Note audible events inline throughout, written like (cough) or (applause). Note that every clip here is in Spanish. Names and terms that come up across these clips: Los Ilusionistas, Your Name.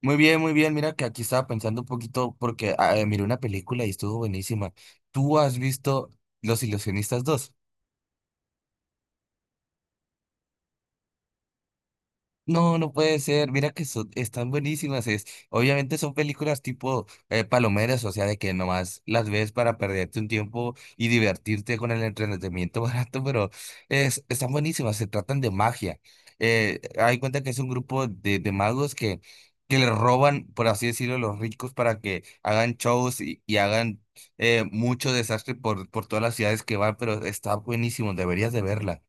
Muy bien, muy bien. Mira que aquí estaba pensando un poquito porque miré una película y estuvo buenísima. ¿Tú has visto Los Ilusionistas dos? No, no puede ser. Mira que son, están buenísimas. Es, obviamente son películas tipo palomeras, o sea, de que nomás las ves para perderte un tiempo y divertirte con el entretenimiento (laughs) barato, pero es, están buenísimas. Se tratan de magia. Hay cuenta que es un grupo de magos que le roban, por así decirlo, a los ricos para que hagan shows y hagan mucho desastre por todas las ciudades que van, pero está buenísimo. Deberías de verla.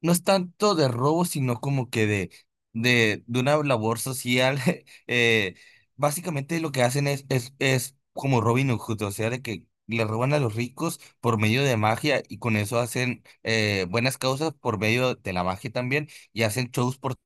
No es tanto de robo, sino como que de una labor social. (laughs) eh, básicamente lo que hacen es como Robin Hood, o sea, de que le roban a los ricos por medio de magia y con eso hacen buenas causas por medio de la magia también y hacen shows por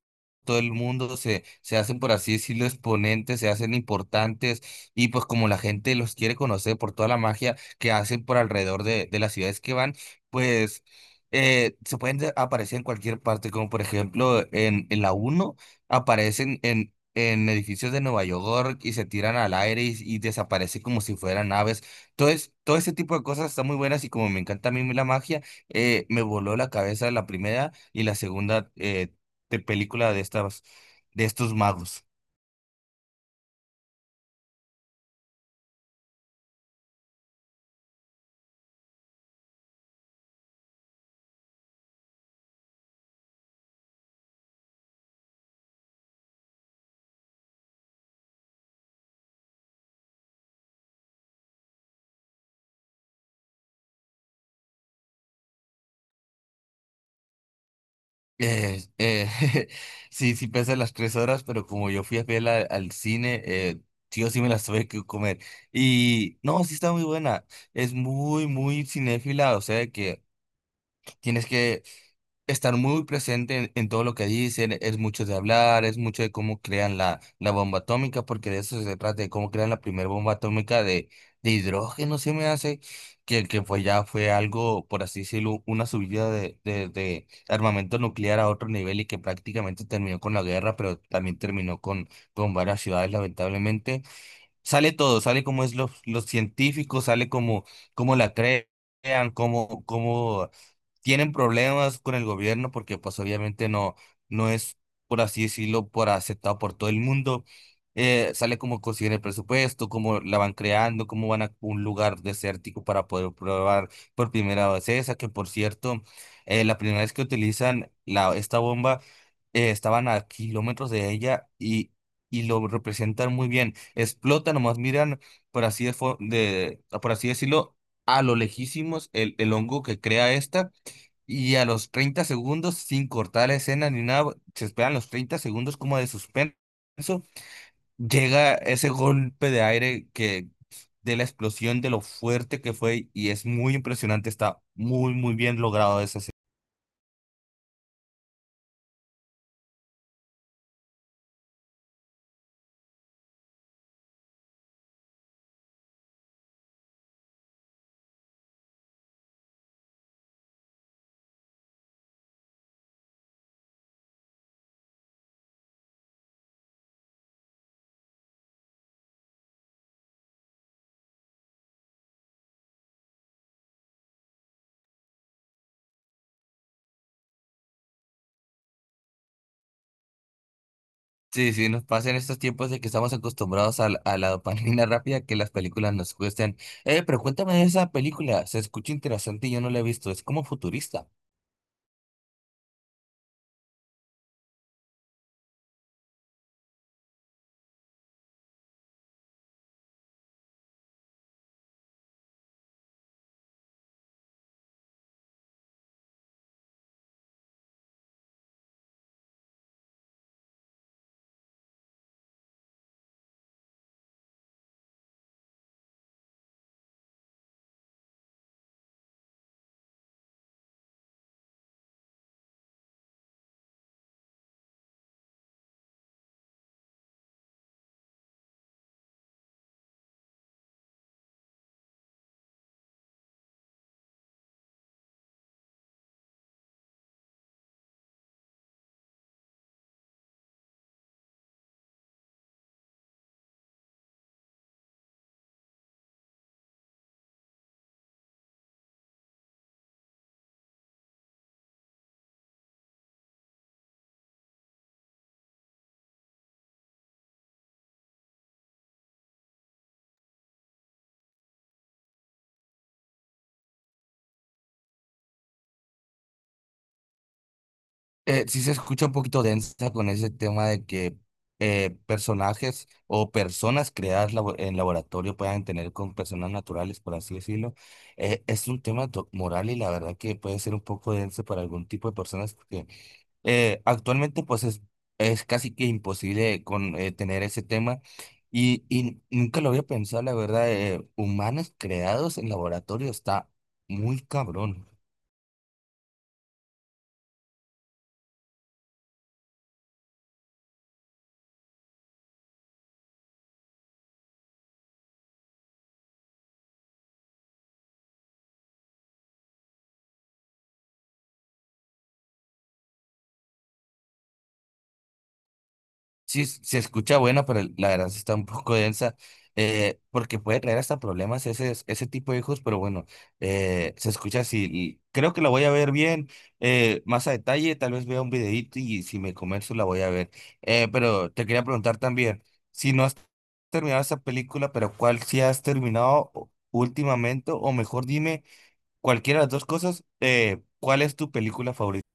todo el mundo se hacen, por así decirlo, exponentes, se hacen importantes y pues como la gente los quiere conocer por toda la magia que hacen por alrededor de las ciudades que van, pues se pueden aparecer en cualquier parte, como por ejemplo en la uno aparecen en edificios de Nueva York y se tiran al aire y desaparecen como si fueran aves. Todo, todo ese tipo de cosas están muy buenas y como me encanta a mí la magia, me voló la cabeza la primera y la segunda de película de estas, de estos magos. Eh, eh, (laughs) sí, sí pesa las 3 horas, pero como yo fui a fiel al cine, sí o sí me las tuve que comer. Y no, sí está muy buena. Es muy, muy cinéfila, o sea que tienes que estar muy presente en todo lo que dicen, es mucho de hablar, es mucho de cómo crean la bomba atómica, porque de eso se trata, de cómo crean la primera bomba atómica de hidrógeno, se me hace, que fue ya fue algo, por así decirlo, una subida de armamento nuclear a otro nivel y que prácticamente terminó con la guerra, pero también terminó con varias ciudades, lamentablemente. Sale todo, sale como es los científicos, sale como, como la creen. Cómo, cómo tienen problemas con el gobierno porque pues obviamente no, no es, por así decirlo, por aceptado por todo el mundo. Sale como consiguen el presupuesto, cómo la van creando, cómo van a un lugar desértico para poder probar por primera vez esa, que por cierto, la primera vez que utilizan la, esta bomba, estaban a kilómetros de ella y lo representan muy bien. Explota, nomás miran, por así, por así decirlo, a lo lejísimos el hongo que crea esta. Y a los 30 segundos, sin cortar la escena ni nada, se esperan los 30 segundos como de suspenso. Llega ese golpe de aire que de la explosión, de lo fuerte que fue, y es muy impresionante. Está muy, muy bien logrado esa escena. Sí, sí, nos pasa en estos tiempos de que estamos acostumbrados la a la dopamina rápida que las películas nos cuestan. Pero cuéntame de esa película, se escucha interesante y yo no la he visto, es como futurista. Sí se escucha un poquito densa con ese tema de que personajes o personas creadas en laboratorio puedan tener con personas naturales, por así decirlo. Es un tema moral y la verdad que puede ser un poco denso para algún tipo de personas porque actualmente pues es casi que imposible tener ese tema y nunca lo había pensado, la verdad, humanos creados en laboratorio está muy cabrón. Sí, se escucha bueno, pero la verdad sí está un poco densa, porque puede traer hasta problemas ese, ese tipo de hijos, pero bueno, se escucha así. Y creo que la voy a ver bien, más a detalle, tal vez vea un videíto y si me convenzo la voy a ver. Pero te quería preguntar también, si no has terminado esa película, pero ¿cuál sí has terminado últimamente? O mejor dime, cualquiera de las dos cosas, ¿cuál es tu película favorita?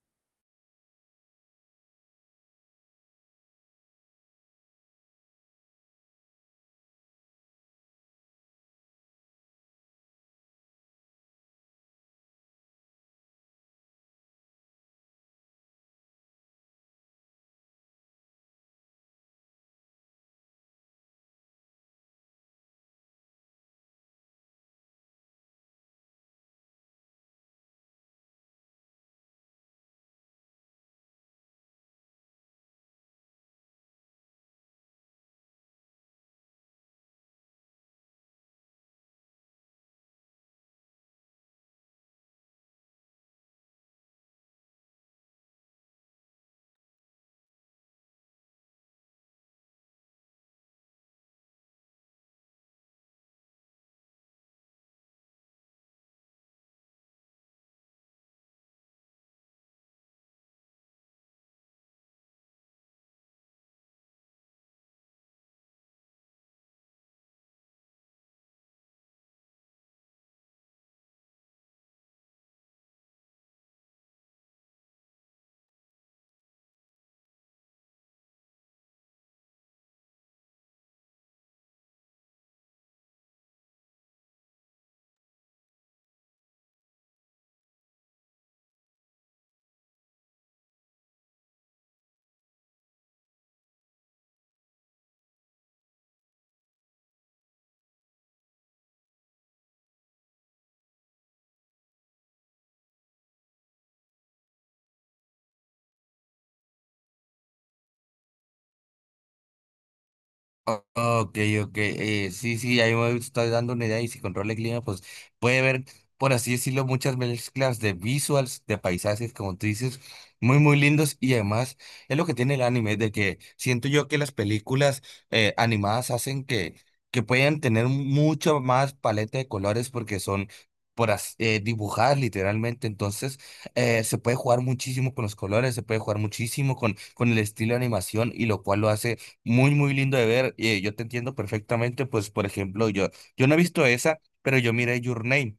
Ok, ok. Sí, sí, ahí me estoy dando una idea y si controla el clima, pues puede ver, por así decirlo, muchas mezclas de visuals, de paisajes, como tú dices, muy, muy lindos y además es lo que tiene el anime, de que siento yo que las películas animadas hacen que puedan tener mucho más paleta de colores porque son dibujadas literalmente, entonces se puede jugar muchísimo con los colores, se puede jugar muchísimo con el estilo de animación y lo cual lo hace muy, muy lindo de ver. Yo te entiendo perfectamente. Pues, por ejemplo, yo no he visto esa, pero yo miré Your Name.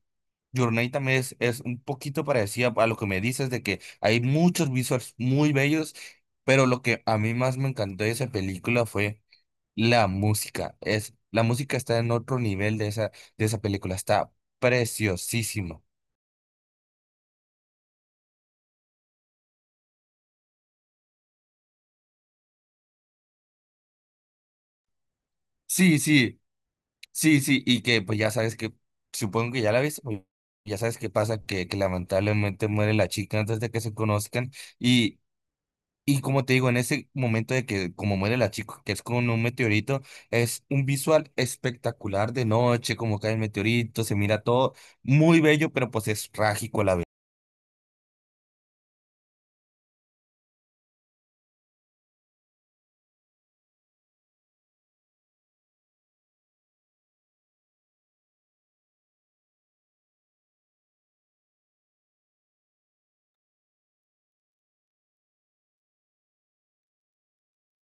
Your Name también es un poquito parecida a lo que me dices de que hay muchos visuals muy bellos, pero lo que a mí más me encantó de esa película fue la música. Es, la música está en otro nivel de esa película. Está preciosísimo. Sí, sí. Sí, sí, y que pues ya sabes que, supongo que ya la viste, pues, ya sabes qué pasa, que lamentablemente muere la chica antes de que se conozcan y, y como te digo, en ese momento de que como muere la chica, que es con un meteorito, es un visual espectacular de noche, como cae el meteorito, se mira todo muy bello, pero pues es trágico a la vez.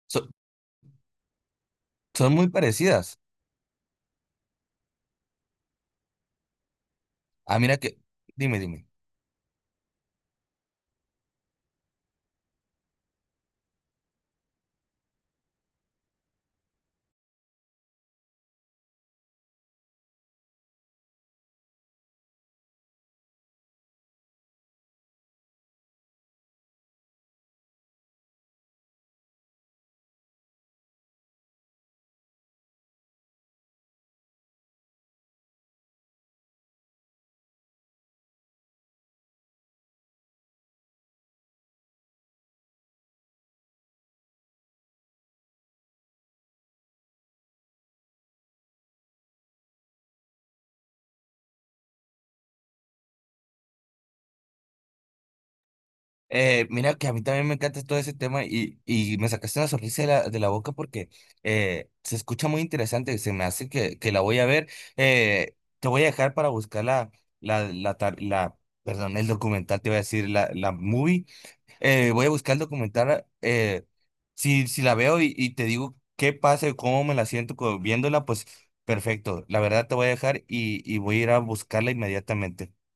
So- son muy parecidas. Ah, mira que, dime, dime. Mira que a mí también me encanta todo ese tema y me sacaste una sonrisa de la boca porque se escucha muy interesante, se me hace que la voy a ver. Te voy a dejar para buscar la, la, tar- la- perdón, el documental, te voy a decir, la movie. Voy a buscar el documental, si, si la veo y te digo qué pasa y cómo me la siento viéndola, pues perfecto, la verdad te voy a dejar y voy a ir a buscarla inmediatamente.